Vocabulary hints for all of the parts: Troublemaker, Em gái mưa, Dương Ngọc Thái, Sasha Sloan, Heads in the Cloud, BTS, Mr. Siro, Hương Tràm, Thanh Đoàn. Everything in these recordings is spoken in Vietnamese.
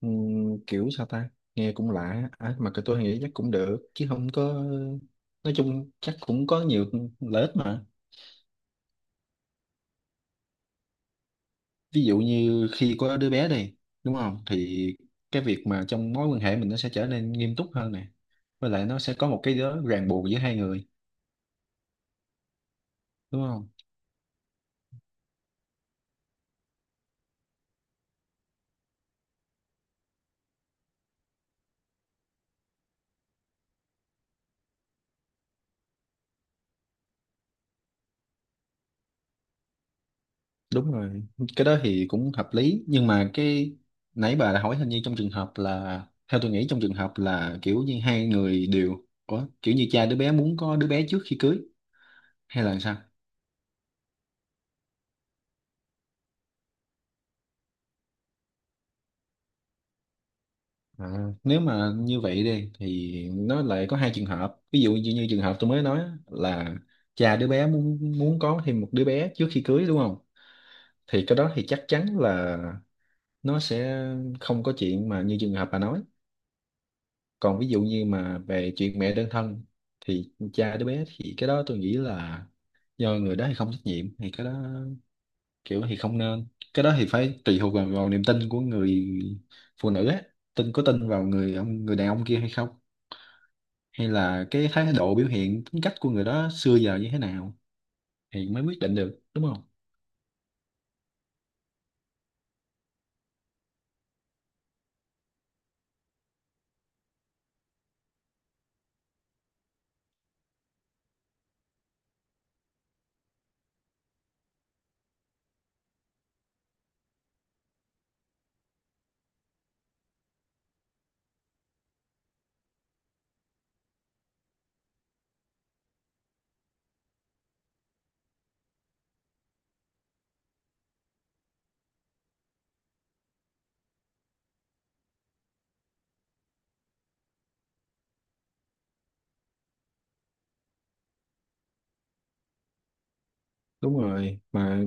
Kiểu sao ta, nghe cũng lạ à, mà cái tôi nghĩ chắc cũng được, chứ không có nói chung chắc cũng có nhiều lợi ích mà. Ví dụ như khi có đứa bé đi, đúng không, thì cái việc mà trong mối quan hệ mình nó sẽ trở nên nghiêm túc hơn nè, với lại nó sẽ có một cái đó ràng buộc giữa hai người, đúng không. Đúng rồi, cái đó thì cũng hợp lý, nhưng mà cái nãy bà đã hỏi hình như trong trường hợp là, theo tôi nghĩ trong trường hợp là kiểu như hai người đều. Ủa, kiểu như cha đứa bé muốn có đứa bé trước khi cưới hay là sao. À, nếu mà như vậy đi thì nó lại có hai trường hợp, ví dụ như, như trường hợp tôi mới nói á, là cha đứa bé muốn muốn có thêm một đứa bé trước khi cưới, đúng không, thì cái đó thì chắc chắn là nó sẽ không có chuyện mà như trường hợp bà nói. Còn ví dụ như mà về chuyện mẹ đơn thân thì cha đứa bé thì cái đó tôi nghĩ là do người đó thì không trách nhiệm, thì cái đó kiểu thì không nên. Cái đó thì phải tùy thuộc vào, vào niềm tin của người phụ nữ á, tin có tin vào người ông người đàn ông kia hay không, hay là cái thái độ biểu hiện tính cách của người đó xưa giờ như thế nào, thì mới quyết định được, đúng không. Đúng rồi mà,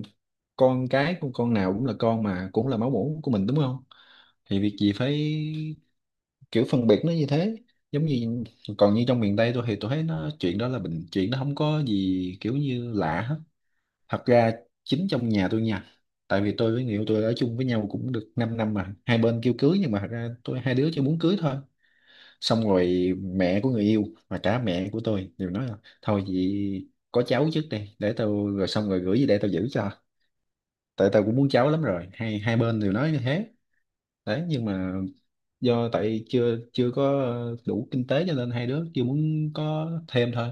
con cái của con nào cũng là con mà, cũng là máu mủ của mình, đúng không, thì việc gì phải kiểu phân biệt nó như thế. Giống như, còn như trong miền Tây tôi thì tôi thấy nó chuyện đó là bình, chuyện nó không có gì kiểu như lạ hết. Thật ra chính trong nhà tôi nha, tại vì tôi với người yêu tôi ở chung với nhau cũng được 5 năm mà hai bên kêu cưới, nhưng mà thật ra tôi hai đứa chỉ muốn cưới thôi. Xong rồi mẹ của người yêu và cả mẹ của tôi đều nói là thôi vậy có cháu trước đi để tôi, rồi xong rồi gửi về để tôi giữ cho, tại tôi cũng muốn cháu lắm rồi, hai hai bên đều nói như thế đấy. Nhưng mà do tại chưa chưa có đủ kinh tế cho nên hai đứa chưa muốn có thêm thôi.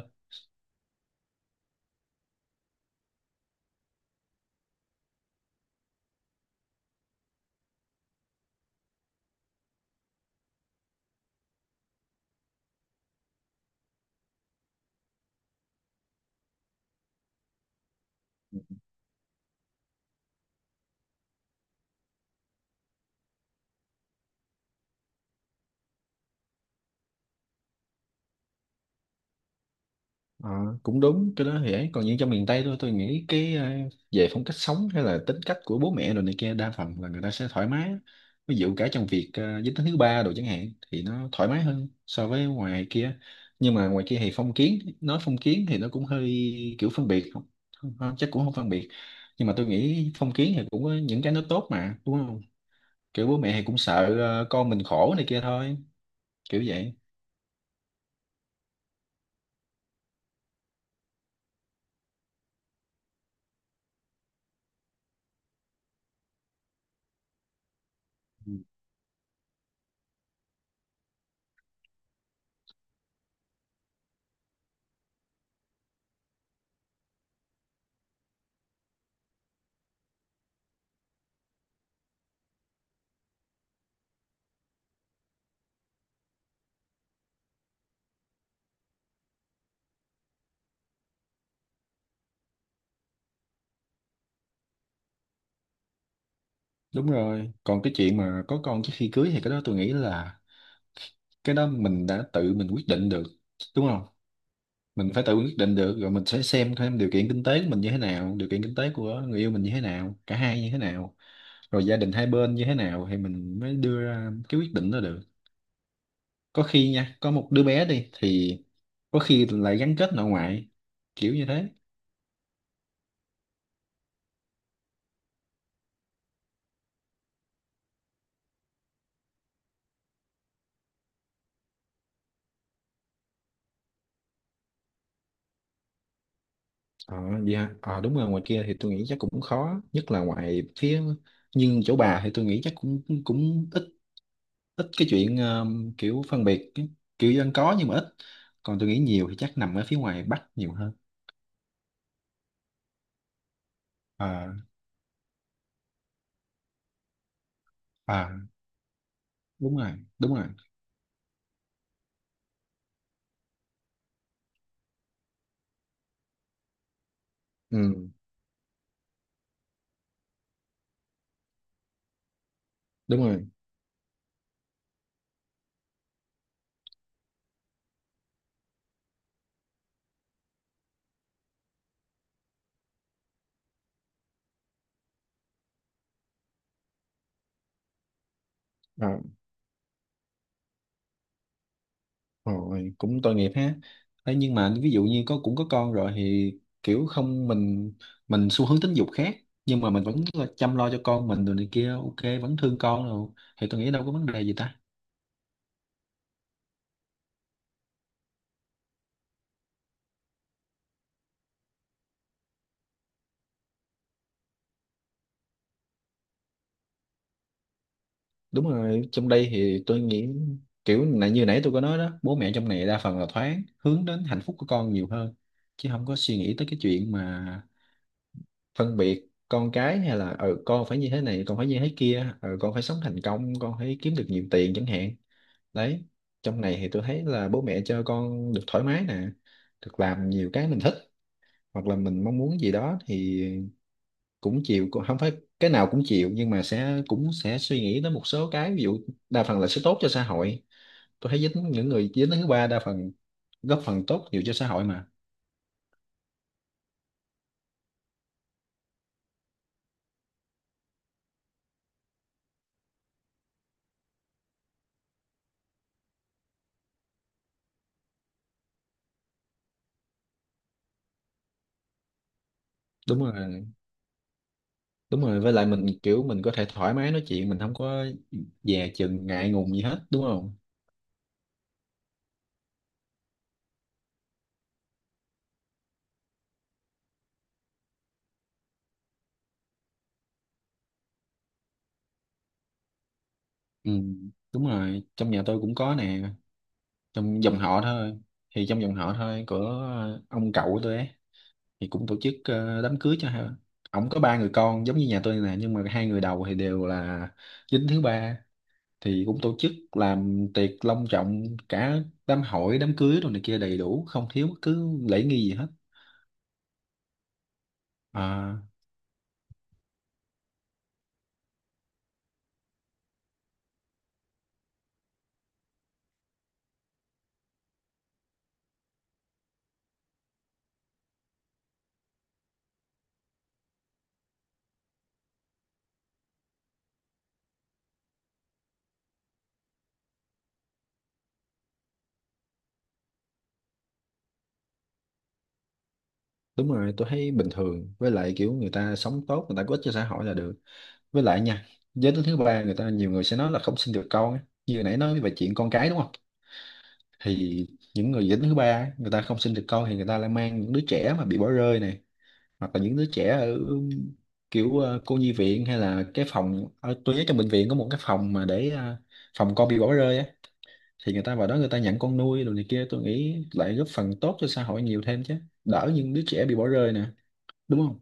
Ờ, cũng đúng, cái đó thì ấy. Còn như trong miền Tây thôi, tôi nghĩ cái về phong cách sống hay là tính cách của bố mẹ rồi này kia, đa phần là người ta sẽ thoải mái, ví dụ cả trong việc giới tính thứ ba đồ chẳng hạn, thì nó thoải mái hơn so với ngoài kia. Nhưng mà ngoài kia thì phong kiến, nói phong kiến thì nó cũng hơi kiểu phân biệt. Không, không chắc cũng không phân biệt, nhưng mà tôi nghĩ phong kiến thì cũng có những cái nó tốt mà, đúng không, kiểu bố mẹ thì cũng sợ con mình khổ này kia thôi, kiểu vậy. Ừ. Đúng rồi, còn cái chuyện mà có con trước khi cưới thì cái đó tôi nghĩ là cái đó mình đã tự mình quyết định được, đúng không, mình phải tự quyết định được, rồi mình sẽ xem thêm điều kiện kinh tế của mình như thế nào, điều kiện kinh tế của người yêu mình như thế nào, cả hai như thế nào, rồi gia đình hai bên như thế nào, thì mình mới đưa ra cái quyết định đó được. Có khi nha, có một đứa bé đi thì có khi lại gắn kết nội ngoại, kiểu như thế. ờ Vậy hả. Ờ Đúng rồi, ngoài kia thì tôi nghĩ chắc cũng khó, nhất là ngoài phía, nhưng chỗ bà thì tôi nghĩ chắc cũng cũng ít, ít cái chuyện kiểu phân biệt kiểu dân có nhưng mà ít, còn tôi nghĩ nhiều thì chắc nằm ở phía ngoài Bắc nhiều hơn. À. À, đúng rồi. Đúng rồi. Ừ, đúng rồi. À, rồi cũng tội nghiệp ha. Đấy, nhưng mà ví dụ như có, cũng có con rồi thì kiểu không, mình, mình xu hướng tính dục khác nhưng mà mình vẫn là chăm lo cho con mình rồi này kia, ok, vẫn thương con rồi thì tôi nghĩ đâu có vấn đề gì ta. Đúng rồi, trong đây thì tôi nghĩ kiểu là như nãy tôi có nói đó, bố mẹ trong này đa phần là thoáng, hướng đến hạnh phúc của con nhiều hơn, chứ không có suy nghĩ tới cái chuyện mà phân biệt con cái, hay là con phải như thế này, con phải như thế kia, con phải sống thành công, con phải kiếm được nhiều tiền chẳng hạn, đấy. Trong này thì tôi thấy là bố mẹ cho con được thoải mái nè, được làm nhiều cái mình thích, hoặc là mình mong muốn gì đó thì cũng chịu, không phải cái nào cũng chịu, nhưng mà sẽ cũng sẽ suy nghĩ tới một số cái. Ví dụ đa phần là sẽ tốt cho xã hội, tôi thấy dính những người dính đến thứ ba đa phần góp phần tốt nhiều cho xã hội mà. Đúng rồi, đúng rồi, với lại mình kiểu mình có thể thoải mái nói chuyện, mình không có dè chừng ngại ngùng gì hết, đúng không. Ừ, đúng rồi, trong nhà tôi cũng có nè. Trong dòng họ thôi, thì trong dòng họ thôi của ông cậu của tôi ấy, thì cũng tổ chức đám cưới cho hai. Ổng có ba người con giống như nhà tôi nè, nhưng mà hai người đầu thì đều là dính thứ ba, thì cũng tổ chức làm tiệc long trọng, cả đám hỏi đám cưới rồi này kia đầy đủ, không thiếu bất cứ lễ nghi gì hết. À. Đúng rồi, tôi thấy bình thường, với lại kiểu người ta sống tốt, người ta có ích cho xã hội là được. Với lại nha, giới tính thứ ba, người ta nhiều người sẽ nói là không sinh được con á, như hồi nãy nói về chuyện con cái, đúng không, thì những người giới tính thứ ba á, người ta không sinh được con thì người ta lại mang những đứa trẻ mà bị bỏ rơi này, hoặc là những đứa trẻ ở kiểu cô nhi viện, hay là cái phòng ở, tôi nhớ trong bệnh viện có một cái phòng mà để phòng con bị bỏ rơi á, thì người ta vào đó người ta nhận con nuôi rồi này kia, tôi nghĩ lại góp phần tốt cho xã hội nhiều thêm chứ, đỡ những đứa trẻ bị bỏ rơi nè, đúng không.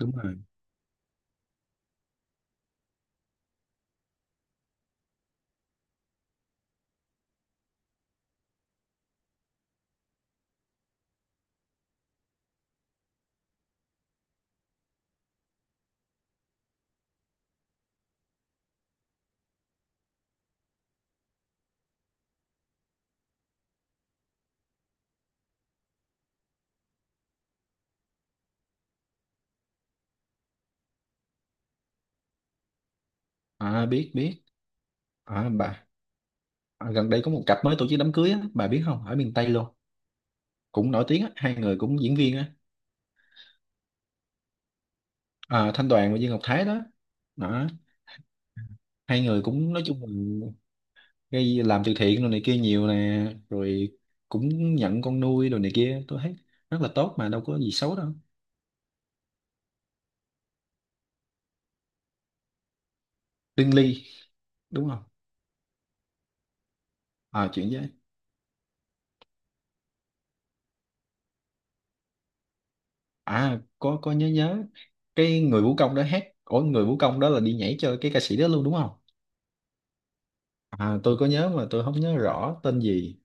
Đúng rồi. À, biết biết. À bà. À, gần đây có một cặp mới tổ chức đám cưới á, bà biết không, ở miền Tây luôn, cũng nổi tiếng á, hai người cũng diễn viên á. À, Thanh Đoàn và Dương Ngọc Thái đó, đó, hai người cũng nói chung là gây, làm từ thiện rồi này kia nhiều nè, rồi cũng nhận con nuôi rồi này kia, tôi thấy rất là tốt mà, đâu có gì xấu đâu. Lương Ly đúng không. À, chuyện với. À, có nhớ nhớ cái người vũ công đó hát, ủa người vũ công đó là đi nhảy cho cái ca sĩ đó luôn đúng không. À, tôi có nhớ mà tôi không nhớ rõ tên gì.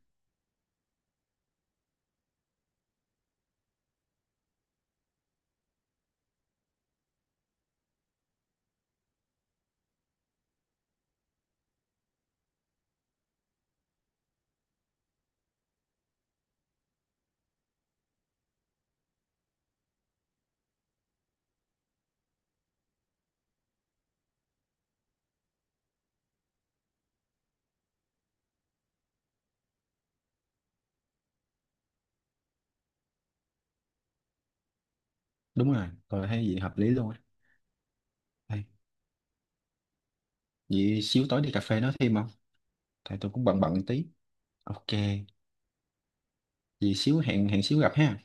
Đúng rồi, tôi thấy gì hợp lý luôn á. Đây, vậy xíu tối đi cà phê nói thêm không. Tại tôi cũng bận bận tí. Ok. Vậy xíu hẹn hẹn xíu gặp ha.